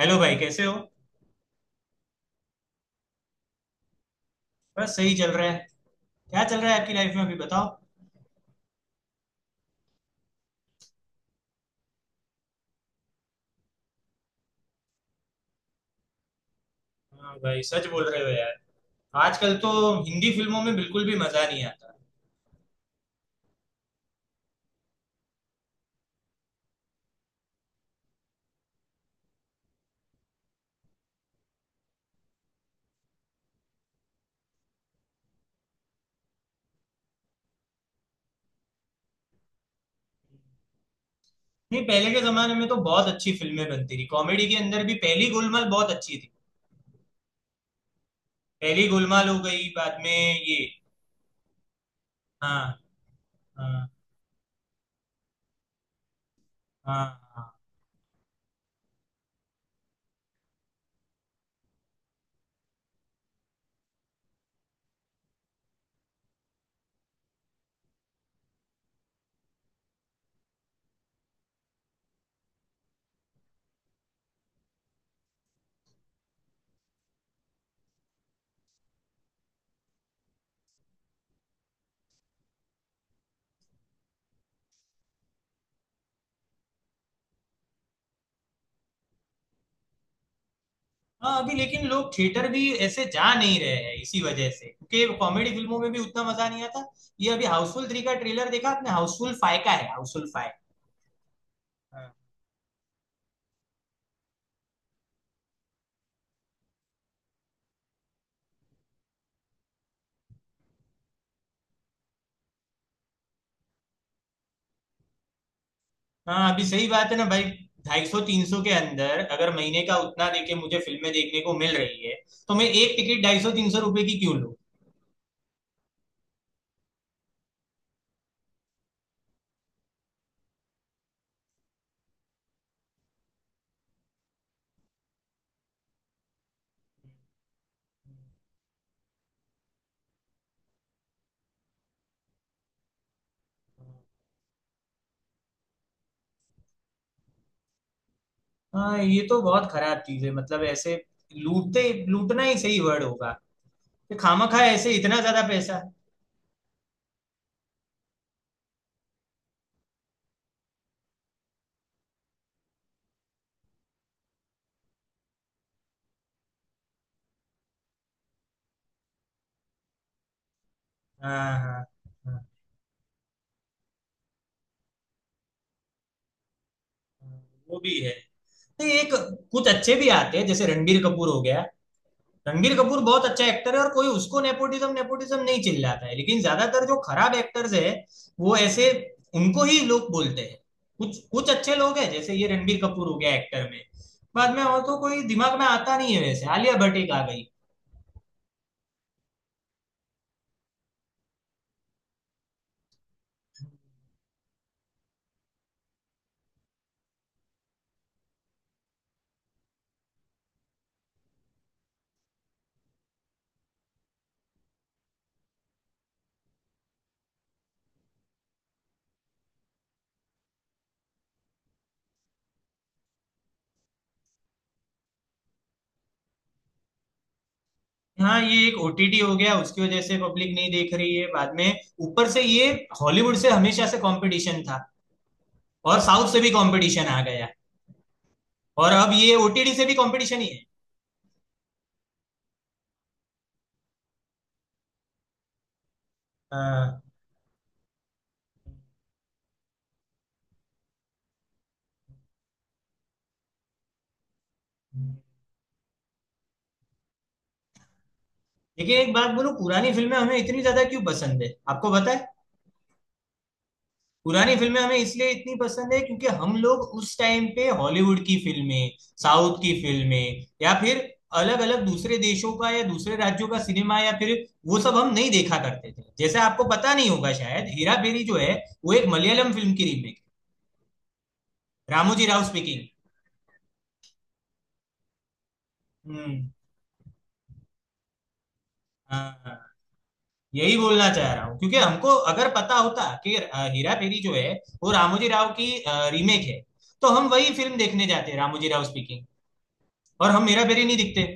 Hello भाई, कैसे हो? बस सही चल रहा है। क्या चल रहा है आपकी लाइफ में अभी बताओ। हाँ भाई, सच बोल रहे हो यार। आजकल तो हिंदी फिल्मों में बिल्कुल भी मजा नहीं आता। नहीं, पहले के जमाने में तो बहुत अच्छी फिल्में बनती थी, कॉमेडी के अंदर भी। पहली गोलमाल बहुत अच्छी थी। पहली गोलमाल हो गई, बाद में ये। हाँ। हाँ। हाँ। हाँ। हाँ, अभी लेकिन लोग थिएटर भी ऐसे जा नहीं रहे हैं इसी वजह से, क्योंकि कॉमेडी फिल्मों में भी उतना मजा नहीं आता। ये अभी हाउसफुल थ्री का ट्रेलर देखा आपने? हाउसफुल फाइव का है, हाउसफुल फाइव। हाँ, अभी सही बात है ना भाई। ढाई सौ तीन सौ के अंदर अगर महीने का उतना देके मुझे फिल्में देखने को मिल रही है, तो मैं एक टिकट ढाई सौ तीन सौ रुपए की क्यों लूं? हाँ, ये तो बहुत खराब चीज है, मतलब ऐसे लूटते। लूटना ही सही वर्ड होगा, कि खामा खा ऐसे इतना ज्यादा पैसा। हाँ। हाँ। हाँ, हाँ, वो भी है। तो एक, कुछ अच्छे भी आते हैं जैसे रणबीर कपूर हो गया। रणबीर कपूर बहुत अच्छा एक्टर है और कोई उसको नेपोटिज्म नेपोटिज्म नहीं चिल्लाता है, लेकिन ज्यादातर जो खराब एक्टर्स है वो ऐसे, उनको ही लोग बोलते हैं। कुछ कुछ अच्छे लोग हैं जैसे ये रणबीर कपूर हो गया एक्टर में, बाद में। और तो कोई दिमाग में आता नहीं है, वैसे आलिया भट्ट एक आ गई। हाँ, ये एक ओटीटी हो गया, उसकी वजह से पब्लिक नहीं देख रही है। बाद में ऊपर से ये हॉलीवुड से हमेशा से कंपटीशन था, और साउथ से भी कंपटीशन आ गया, और अब ये ओटीटी से भी कंपटीशन ही है। हाँ। देखिए एक बात बोलूं, पुरानी फिल्में हमें इतनी ज्यादा क्यों पसंद है आपको पता है? पुरानी फिल्में हमें इसलिए इतनी पसंद है क्योंकि हम लोग उस टाइम पे हॉलीवुड की फिल्में, साउथ की फिल्में, या फिर अलग अलग दूसरे देशों का या दूसरे राज्यों का सिनेमा, या फिर वो सब हम नहीं देखा करते थे। जैसे आपको पता नहीं होगा शायद, हेरा फेरी जो है वो एक मलयालम फिल्म की रीमेक, रामोजी राव स्पीकिंग। हम्म। हाँ, हाँ। यही बोलना चाह रहा हूँ, क्योंकि हमको अगर पता होता कि हेरा फेरी जो है वो रामोजी राव की रीमेक है, तो हम वही फिल्म देखने जाते, हैं, रामोजी राव स्पीकिंग। और हम हेरा फेरी नहीं दिखते।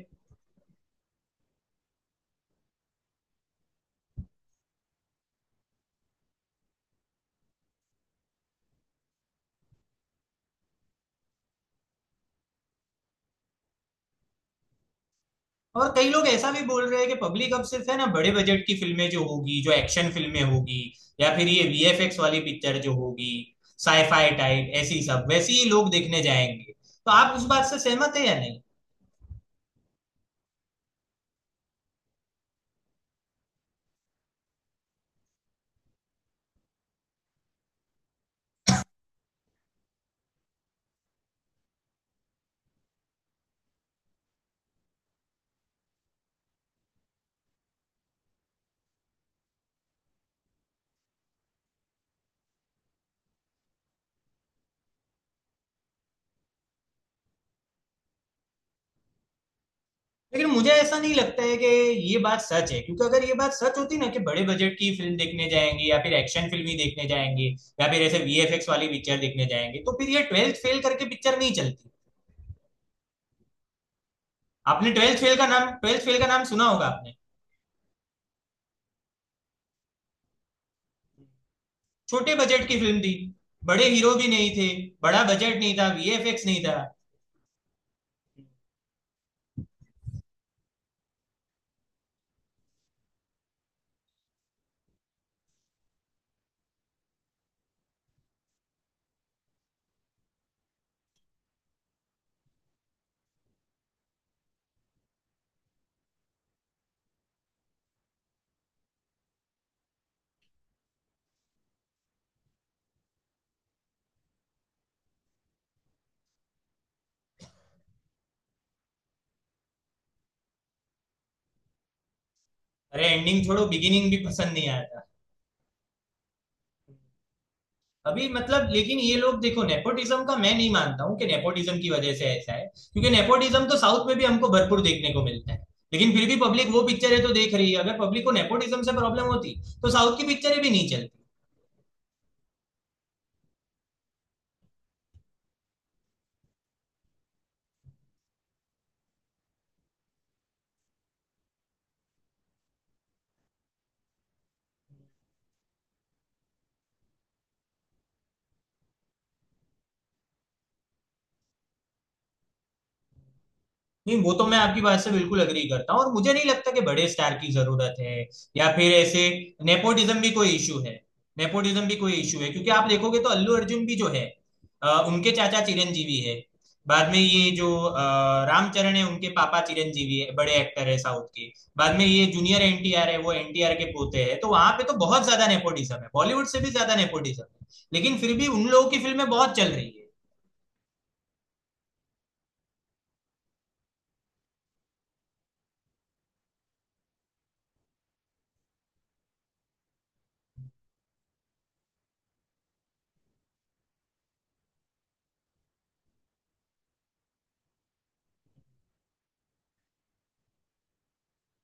और कई लोग ऐसा भी बोल रहे हैं कि पब्लिक अब सिर्फ, है ना, बड़े बजट की फिल्में जो होगी, जो एक्शन फिल्में होगी, या फिर ये वीएफएक्स वाली पिक्चर जो होगी, साईफाई टाइप, ऐसी सब वैसी ही लोग देखने जाएंगे। तो आप उस बात से सहमत है या नहीं? लेकिन मुझे ऐसा नहीं लगता है कि ये बात सच है, क्योंकि अगर ये बात सच होती ना कि बड़े बजट की फिल्म देखने जाएंगे, या फिर एक्शन फिल्म ही देखने जाएंगे, या फिर ऐसे वीएफएक्स वाली पिक्चर देखने जाएंगे, तो फिर ये ट्वेल्थ फेल करके पिक्चर नहीं चलती। आपने ट्वेल्थ फेल का नाम, ट्वेल्थ फेल का नाम सुना होगा आपने? छोटे बजट की फिल्म थी। बड़े हीरो भी नहीं थे। बड़ा बजट नहीं था, वीएफएक्स नहीं था। अरे एंडिंग छोड़ो, बिगिनिंग भी पसंद नहीं आया था। अभी मतलब, लेकिन ये लोग देखो, नेपोटिज्म का मैं नहीं मानता हूँ कि नेपोटिज्म की वजह से ऐसा है, क्योंकि नेपोटिज्म तो साउथ में भी हमको भरपूर देखने को मिलता है, लेकिन फिर भी पब्लिक वो पिक्चरें तो देख रही है। अगर पब्लिक को नेपोटिज्म से प्रॉब्लम होती, तो साउथ की पिक्चरें भी नहीं चलती। नहीं, वो तो मैं आपकी बात से बिल्कुल अग्री करता हूँ और मुझे नहीं लगता कि बड़े स्टार की जरूरत है, या फिर ऐसे नेपोटिज्म भी कोई इशू है। नेपोटिज्म भी कोई इशू है, क्योंकि आप देखोगे तो अल्लू अर्जुन भी जो है, उनके चाचा चिरंजीवी है। बाद में ये जो रामचरण है उनके पापा चिरंजीवी है, बड़े एक्टर है साउथ के। बाद में ये जूनियर एनटीआर है, वो एनटीआर के पोते हैं। तो वहां पे तो बहुत ज्यादा नेपोटिज्म है, बॉलीवुड से भी ज्यादा नेपोटिज्म है, लेकिन फिर भी उन लोगों की फिल्में बहुत चल रही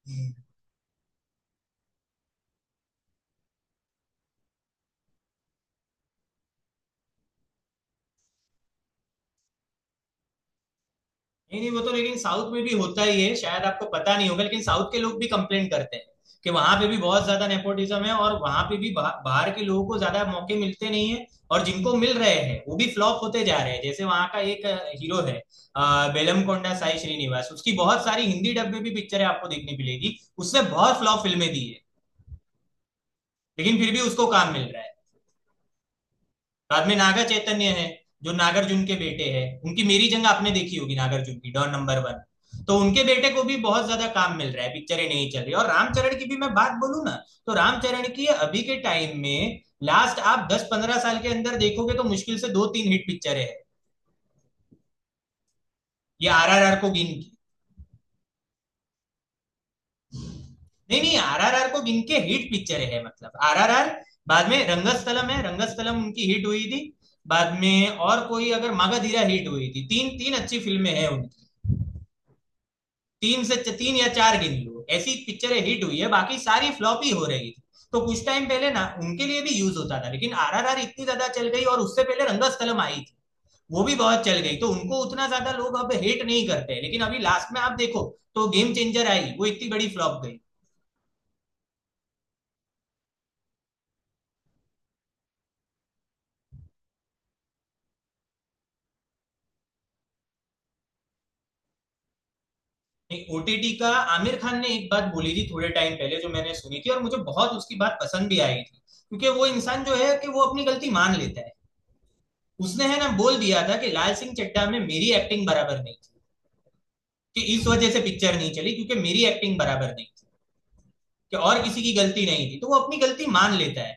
है। नहीं नहीं, वो तो लेकिन साउथ में भी होता ही है। शायद आपको पता नहीं होगा, लेकिन साउथ के लोग भी कंप्लेन करते हैं कि वहां पे भी बहुत ज्यादा नेपोटिज्म है, और वहां पे भी बाहर के लोगों को ज्यादा मौके मिलते नहीं है, और जिनको मिल रहे हैं वो भी फ्लॉप होते जा रहे हैं। जैसे वहां का एक हीरो है, बेलमकोंडा साई श्रीनिवास, उसकी बहुत सारी हिंदी डब में भी पिक्चरें आपको देखने मिलेगी। उसने बहुत फ्लॉप फिल्में दी है, लेकिन फिर भी उसको काम मिल रहा है। बाद में नागा चैतन्य है, जो नागार्जुन के बेटे हैं। उनकी मेरी जंग आपने देखी होगी, नागार्जुन की डॉन नंबर वन। तो उनके बेटे को भी बहुत ज्यादा काम मिल रहा है, पिक्चरें नहीं चल रही। और रामचरण की भी मैं बात बोलू ना, तो रामचरण की अभी के टाइम में लास्ट आप 10-15 साल के अंदर देखोगे तो मुश्किल से दो तीन हिट पिक्चरें हैं, ये आरआरआर को गिन की। नहीं नहीं, आरआरआर को गिन के हिट पिक्चरें हैं, मतलब आरआरआर। बाद में रंगस्थलम है, रंगस्थलम उनकी हिट हुई थी। बाद में और कोई अगर मागाधीरा हिट हुई थी। तीन तीन अच्छी फिल्में हैं उनकी, तीन से तीन या चार गिन लो ऐसी पिक्चरें हिट हुई है, बाकी सारी फ्लॉप ही हो रही थी। तो कुछ टाइम पहले ना उनके लिए भी यूज होता था, लेकिन आरआरआर इतनी ज्यादा चल गई, और उससे पहले रंगस्थलम आई थी, वो भी बहुत चल गई, तो उनको उतना ज्यादा लोग अब हेट नहीं करते हैं। लेकिन अभी लास्ट में आप देखो, तो गेम चेंजर आई, वो इतनी बड़ी फ्लॉप गई। ओटीटी का, आमिर खान ने एक बात बोली थी थोड़े टाइम पहले जो मैंने सुनी थी, और मुझे बहुत उसकी बात पसंद भी आई थी, क्योंकि वो इंसान जो है कि वो अपनी गलती मान लेता है। उसने, है ना, बोल दिया था कि लाल सिंह चड्डा में मेरी एक्टिंग बराबर नहीं थी, कि इस वजह से पिक्चर नहीं चली, क्योंकि मेरी एक्टिंग बराबर नहीं थी, कि और किसी की गलती नहीं थी। तो वो अपनी गलती मान लेता है,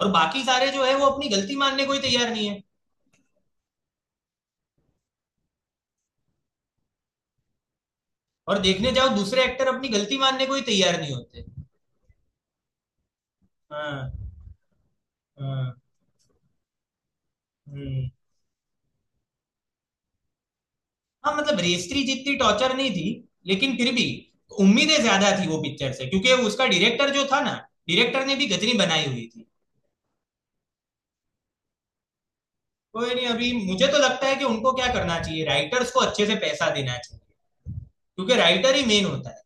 और बाकी सारे जो है वो अपनी गलती मानने को ही तैयार नहीं है। और देखने जाओ दूसरे एक्टर अपनी गलती मानने को ही तैयार नहीं होते। हाँ। हाँ, हम्म। हाँ, मतलब रेस्त्री जितनी टॉर्चर नहीं थी, लेकिन फिर भी उम्मीदें ज्यादा थी वो पिक्चर से, क्योंकि उसका डायरेक्टर जो था ना, डायरेक्टर ने भी गजनी बनाई हुई थी। कोई नहीं, अभी मुझे तो लगता है कि उनको क्या करना चाहिए, राइटर्स को अच्छे से पैसा देना चाहिए, क्योंकि राइटर ही मेन होता है,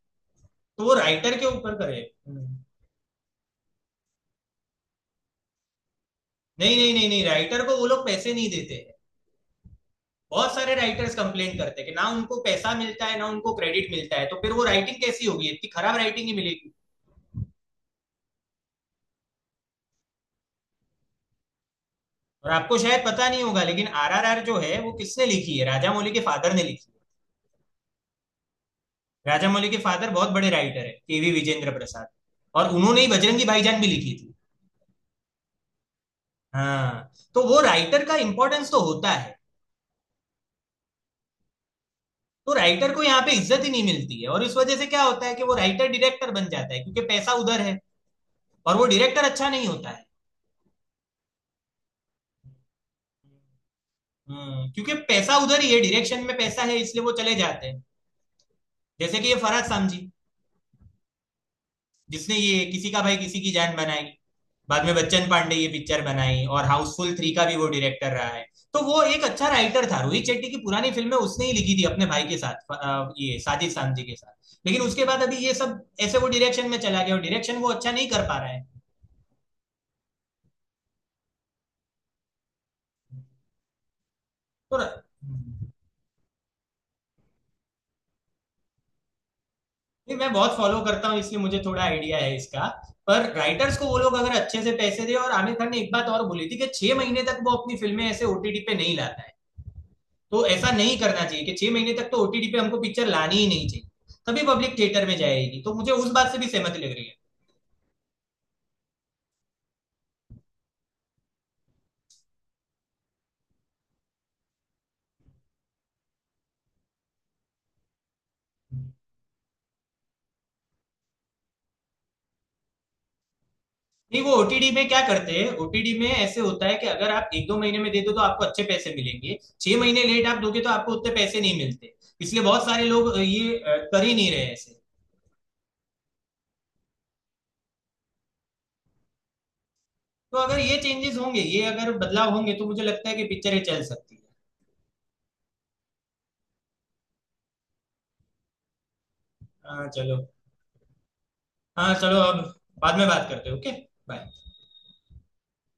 तो वो राइटर के ऊपर करे। नहीं, नहीं, नहीं, नहीं, राइटर को वो लोग पैसे नहीं देते हैं। बहुत सारे राइटर्स कंप्लेन करते हैं कि ना उनको पैसा मिलता है, ना उनको क्रेडिट मिलता है, तो फिर वो राइटिंग कैसी होगी, इतनी खराब राइटिंग ही मिलेगी। और आपको शायद पता नहीं होगा, लेकिन आरआरआर जो है वो किसने लिखी है, राजा मौली के फादर ने लिखी है। राजा मौली के फादर बहुत बड़े राइटर है, केवी विजेंद्र प्रसाद, और उन्होंने ही बजरंगी भाईजान भी लिखी थी। हाँ, तो वो राइटर का इम्पोर्टेंस तो होता है। तो राइटर को यहाँ पे इज्जत ही नहीं मिलती है, और इस वजह से क्या होता है कि वो राइटर डायरेक्टर बन जाता है, क्योंकि पैसा उधर है, और वो डायरेक्टर अच्छा नहीं होता है। क्योंकि पैसा उधर ही है, डायरेक्शन में पैसा है, इसलिए वो चले जाते हैं। जैसे कि ये फरहद सामजी, जिसने ये किसी का भाई किसी की जान बनाई, बाद में बच्चन पांडे ये पिक्चर बनाई, और हाउसफुल थ्री का भी वो डायरेक्टर रहा है। तो वो एक अच्छा राइटर था, रोहित शेट्टी की पुरानी फिल्में उसने ही लिखी थी अपने भाई के साथ, ये साजिद सामजी के साथ। लेकिन उसके बाद अभी ये सब ऐसे वो डायरेक्शन में चला गया, और डायरेक्शन वो अच्छा नहीं कर पा रहा है। तो र- नहीं, मैं बहुत फॉलो करता हूँ इसलिए मुझे थोड़ा आइडिया है इसका। पर राइटर्स को वो लोग अगर अच्छे से पैसे दे, और आमिर खान ने एक बात और बोली थी कि 6 महीने तक वो अपनी फिल्में ऐसे ओटीटी पे नहीं लाता है। तो ऐसा नहीं करना चाहिए कि 6 महीने तक तो ओटीटी पे हमको पिक्चर लानी ही नहीं चाहिए, तभी पब्लिक थिएटर में जाएगी, तो मुझे उस बात से भी सहमति लग रही है। नहीं वो ओटीडी में क्या करते हैं, ओटीडी में ऐसे होता है कि अगर आप एक दो महीने में दे दो तो आपको अच्छे पैसे मिलेंगे, 6 महीने लेट आप दोगे तो आपको उतने पैसे नहीं मिलते, इसलिए बहुत सारे लोग ये कर ही नहीं रहे ऐसे। तो अगर ये चेंजेस होंगे, ये अगर बदलाव होंगे, तो मुझे लगता है कि पिक्चरें चल सकती है। हाँ चलो। हाँ, चलो अब बाद में बात करते हैं। Okay, bye.